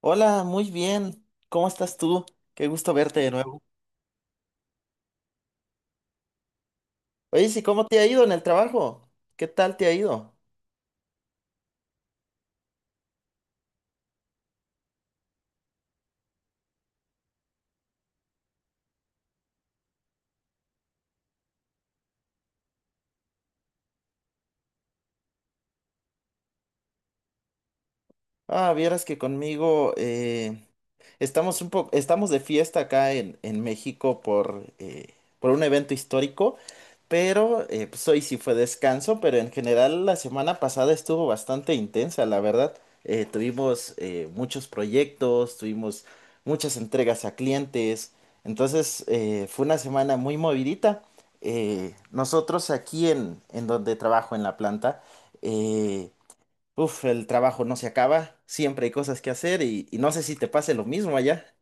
Hola, muy bien. ¿Cómo estás tú? Qué gusto verte de nuevo. Oye, sí, ¿cómo te ha ido en el trabajo? ¿Qué tal te ha ido? Ah, vieras que conmigo estamos de fiesta acá en México por un evento histórico, pero pues hoy sí fue descanso, pero en general la semana pasada estuvo bastante intensa, la verdad. Tuvimos muchos proyectos, tuvimos muchas entregas a clientes, entonces fue una semana muy movidita. Nosotros aquí en donde trabajo en la planta, eh, uf, el trabajo no se acaba, siempre hay cosas que hacer y no sé si te pase lo mismo allá.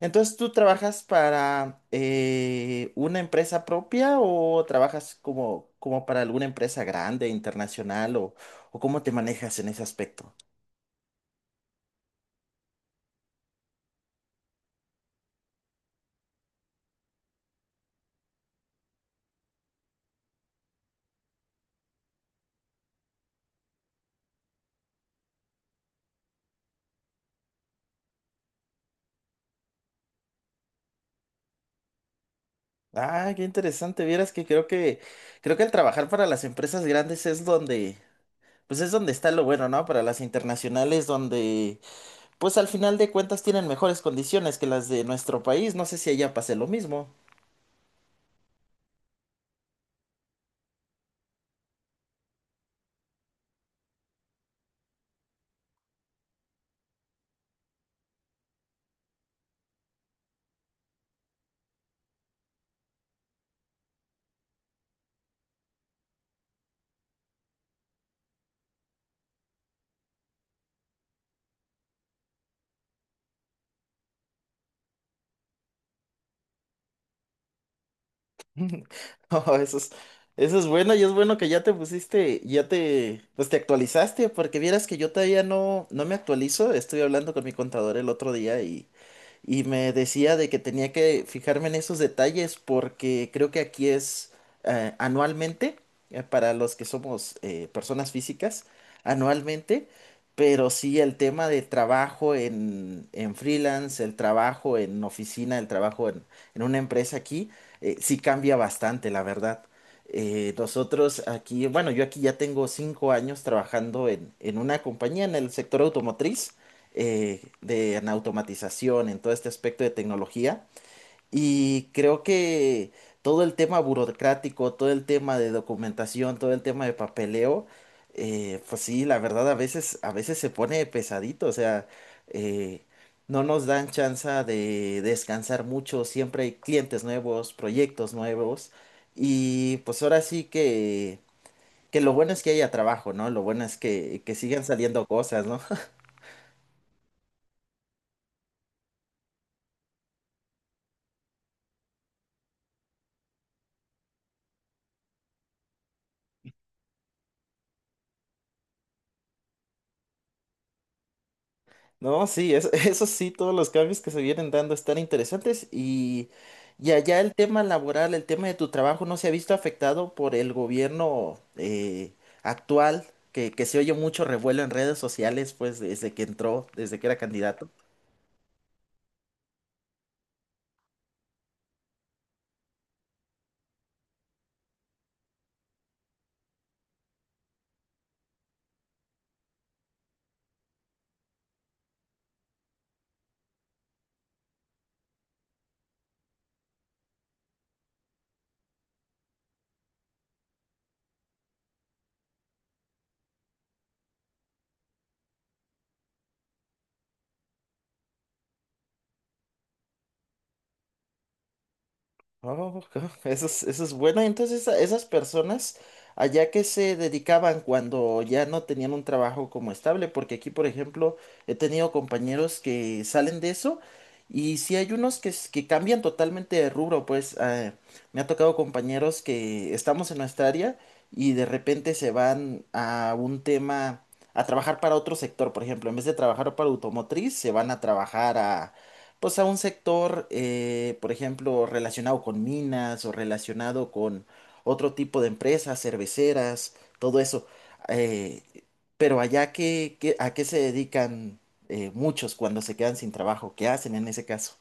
Entonces, ¿tú trabajas para una empresa propia o trabajas como para alguna empresa grande, internacional o cómo te manejas en ese aspecto? Ah, qué interesante. Vieras que creo que el trabajar para las empresas grandes es donde pues es donde está lo bueno, ¿no? Para las internacionales donde pues al final de cuentas tienen mejores condiciones que las de nuestro país. No sé si allá pase lo mismo. Oh, eso es bueno y es bueno que ya te pusiste, ya te, pues te actualizaste, porque vieras que yo todavía no, no me actualizo. Estuve hablando con mi contador el otro día y me decía de que tenía que fijarme en esos detalles porque creo que aquí es anualmente, para los que somos personas físicas, anualmente, pero sí el tema de trabajo en freelance, el trabajo en oficina, el trabajo en una empresa aquí, sí cambia bastante, la verdad. Nosotros aquí, bueno, yo aquí ya tengo 5 años trabajando en una compañía en el sector automotriz, de en automatización, en todo este aspecto de tecnología. Y creo que todo el tema burocrático, todo el tema de documentación, todo el tema de papeleo, pues sí, la verdad a veces se pone pesadito, o sea, eh, no nos dan chance de descansar mucho, siempre hay clientes nuevos, proyectos nuevos. Y pues ahora sí que lo bueno es que haya trabajo, ¿no? Lo bueno es que sigan saliendo cosas, ¿no? No, sí, eso, eso sí, todos los cambios que se vienen dando están interesantes y allá el tema laboral, el tema de tu trabajo no se ha visto afectado por el gobierno actual, que se oye mucho revuelo en redes sociales, pues desde que entró, desde que era candidato. Oh, eso es buena. Entonces, esas personas allá que se dedicaban cuando ya no tenían un trabajo como estable, porque aquí, por ejemplo, he tenido compañeros que salen de eso y sí hay unos que cambian totalmente de rubro, pues me ha tocado compañeros que estamos en nuestra área y de repente se van a un tema, a trabajar para otro sector, por ejemplo, en vez de trabajar para automotriz, se van a trabajar pues a un sector, por ejemplo, relacionado con minas o relacionado con otro tipo de empresas, cerveceras, todo eso. Eh, pero allá, ¿a qué se dedican muchos cuando se quedan sin trabajo? ¿Qué hacen en ese caso?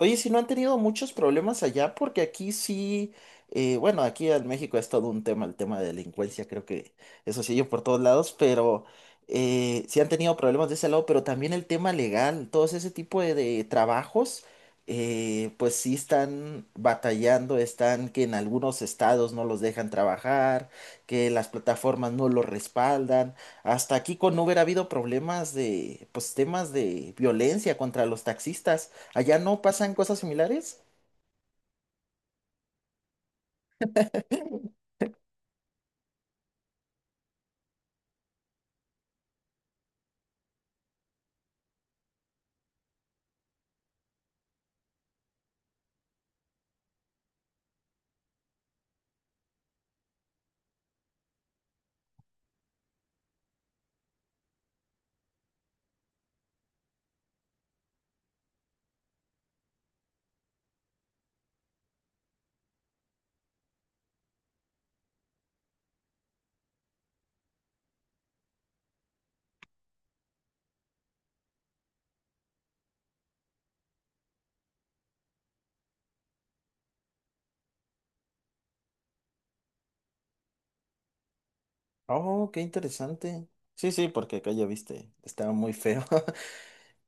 Oye, si no han tenido muchos problemas allá, porque aquí sí, bueno, aquí en México es todo un tema, el tema de delincuencia, creo que eso sigue por todos lados, pero sí han tenido problemas de ese lado, pero también el tema legal, todos ese tipo de trabajos, pues sí están batallando, están que en algunos estados no los dejan trabajar, que las plataformas no los respaldan, hasta aquí con Uber ha habido problemas de, pues temas de violencia contra los taxistas. ¿Allá no pasan cosas similares? Oh, qué interesante. Sí, sí, porque acá ya viste, estaba muy feo.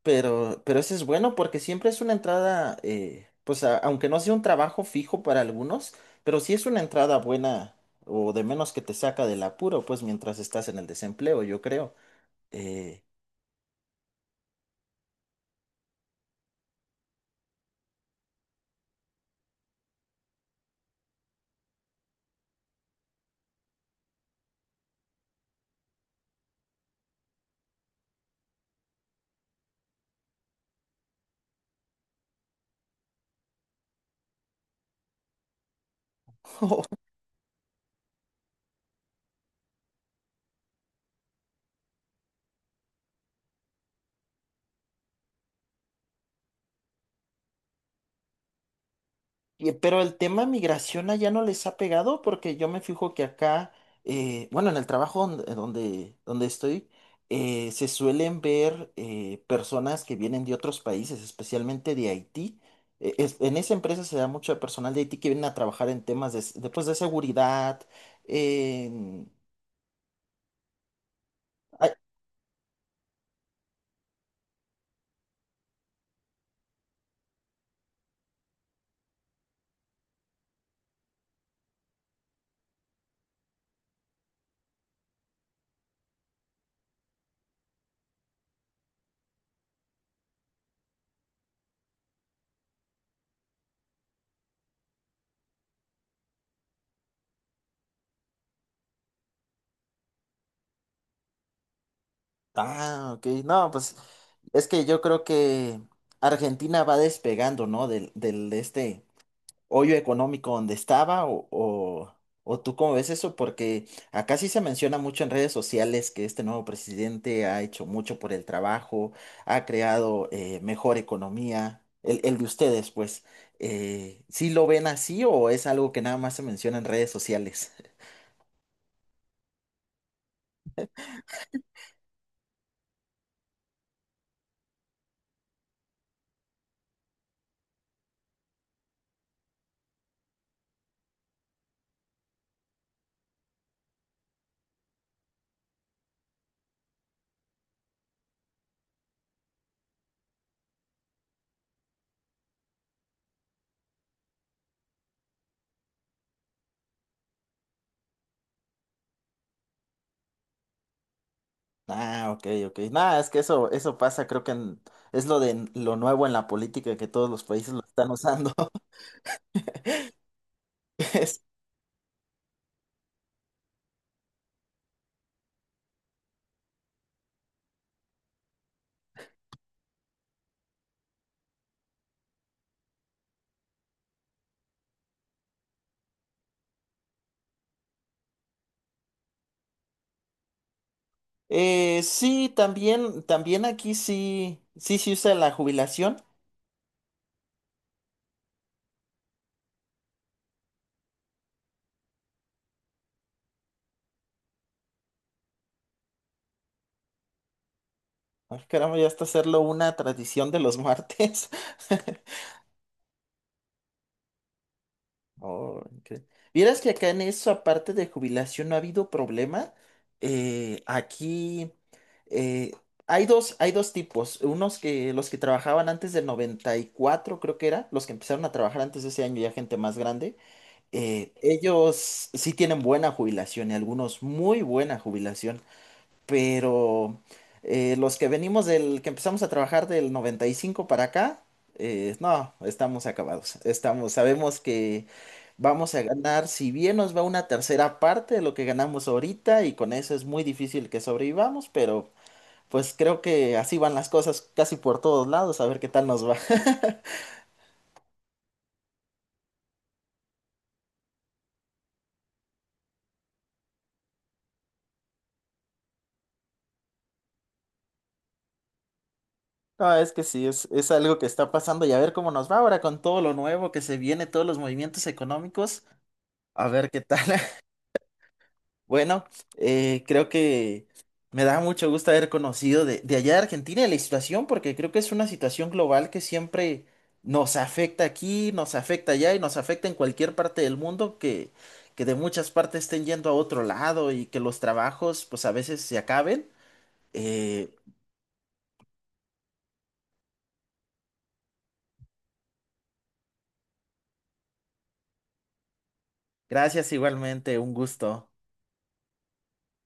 Pero eso es bueno porque siempre es una entrada, pues aunque no sea un trabajo fijo para algunos, pero sí es una entrada buena o de menos que te saca del apuro, pues mientras estás en el desempleo, yo creo. Eh, Pero el tema migración allá no les ha pegado porque yo me fijo que acá, bueno, en el trabajo donde estoy, se suelen ver personas que vienen de otros países, especialmente de Haití. En esa empresa se da mucho personal de Haití que vienen a trabajar en temas pues, de seguridad. en- ay, ah, ok, no, pues es que yo creo que Argentina va despegando, ¿no? Del este hoyo económico donde estaba o tú cómo ves eso, porque acá sí se menciona mucho en redes sociales que este nuevo presidente ha hecho mucho por el trabajo, ha creado mejor economía, el de ustedes, pues, ¿sí lo ven así o es algo que nada más se menciona en redes sociales? Ah, ok, ok. Nada, es que eso pasa, creo es lo de lo nuevo en la política que todos los países lo están usando. Sí, también, también aquí sí, sí se usa la jubilación. Ay, caramba, ya hasta hacerlo una tradición de los martes. Oh, incre- Vieras que acá en eso, aparte de jubilación, no ha habido problema. Aquí eh, hay dos tipos. Unos que los que trabajaban antes del 94, creo que era, los que empezaron a trabajar antes de ese año, ya gente más grande. Ellos sí tienen buena jubilación y algunos muy buena jubilación. Pero los que venimos del que empezamos a trabajar del 95 para acá, no, estamos acabados. Estamos, sabemos que vamos a ganar, si bien nos va, una tercera parte de lo que ganamos ahorita, y con eso es muy difícil que sobrevivamos, pero pues creo que así van las cosas casi por todos lados, a ver qué tal nos va. No, es que sí, es algo que está pasando y a ver cómo nos va ahora con todo lo nuevo que se viene, todos los movimientos económicos, a ver qué tal. Bueno, creo que me da mucho gusto haber conocido de allá de Argentina y la situación, porque creo que es una situación global que siempre nos afecta aquí, nos afecta allá y nos afecta en cualquier parte del mundo, que de muchas partes estén yendo a otro lado y que los trabajos pues a veces se acaben. Eh, Gracias igualmente, un gusto.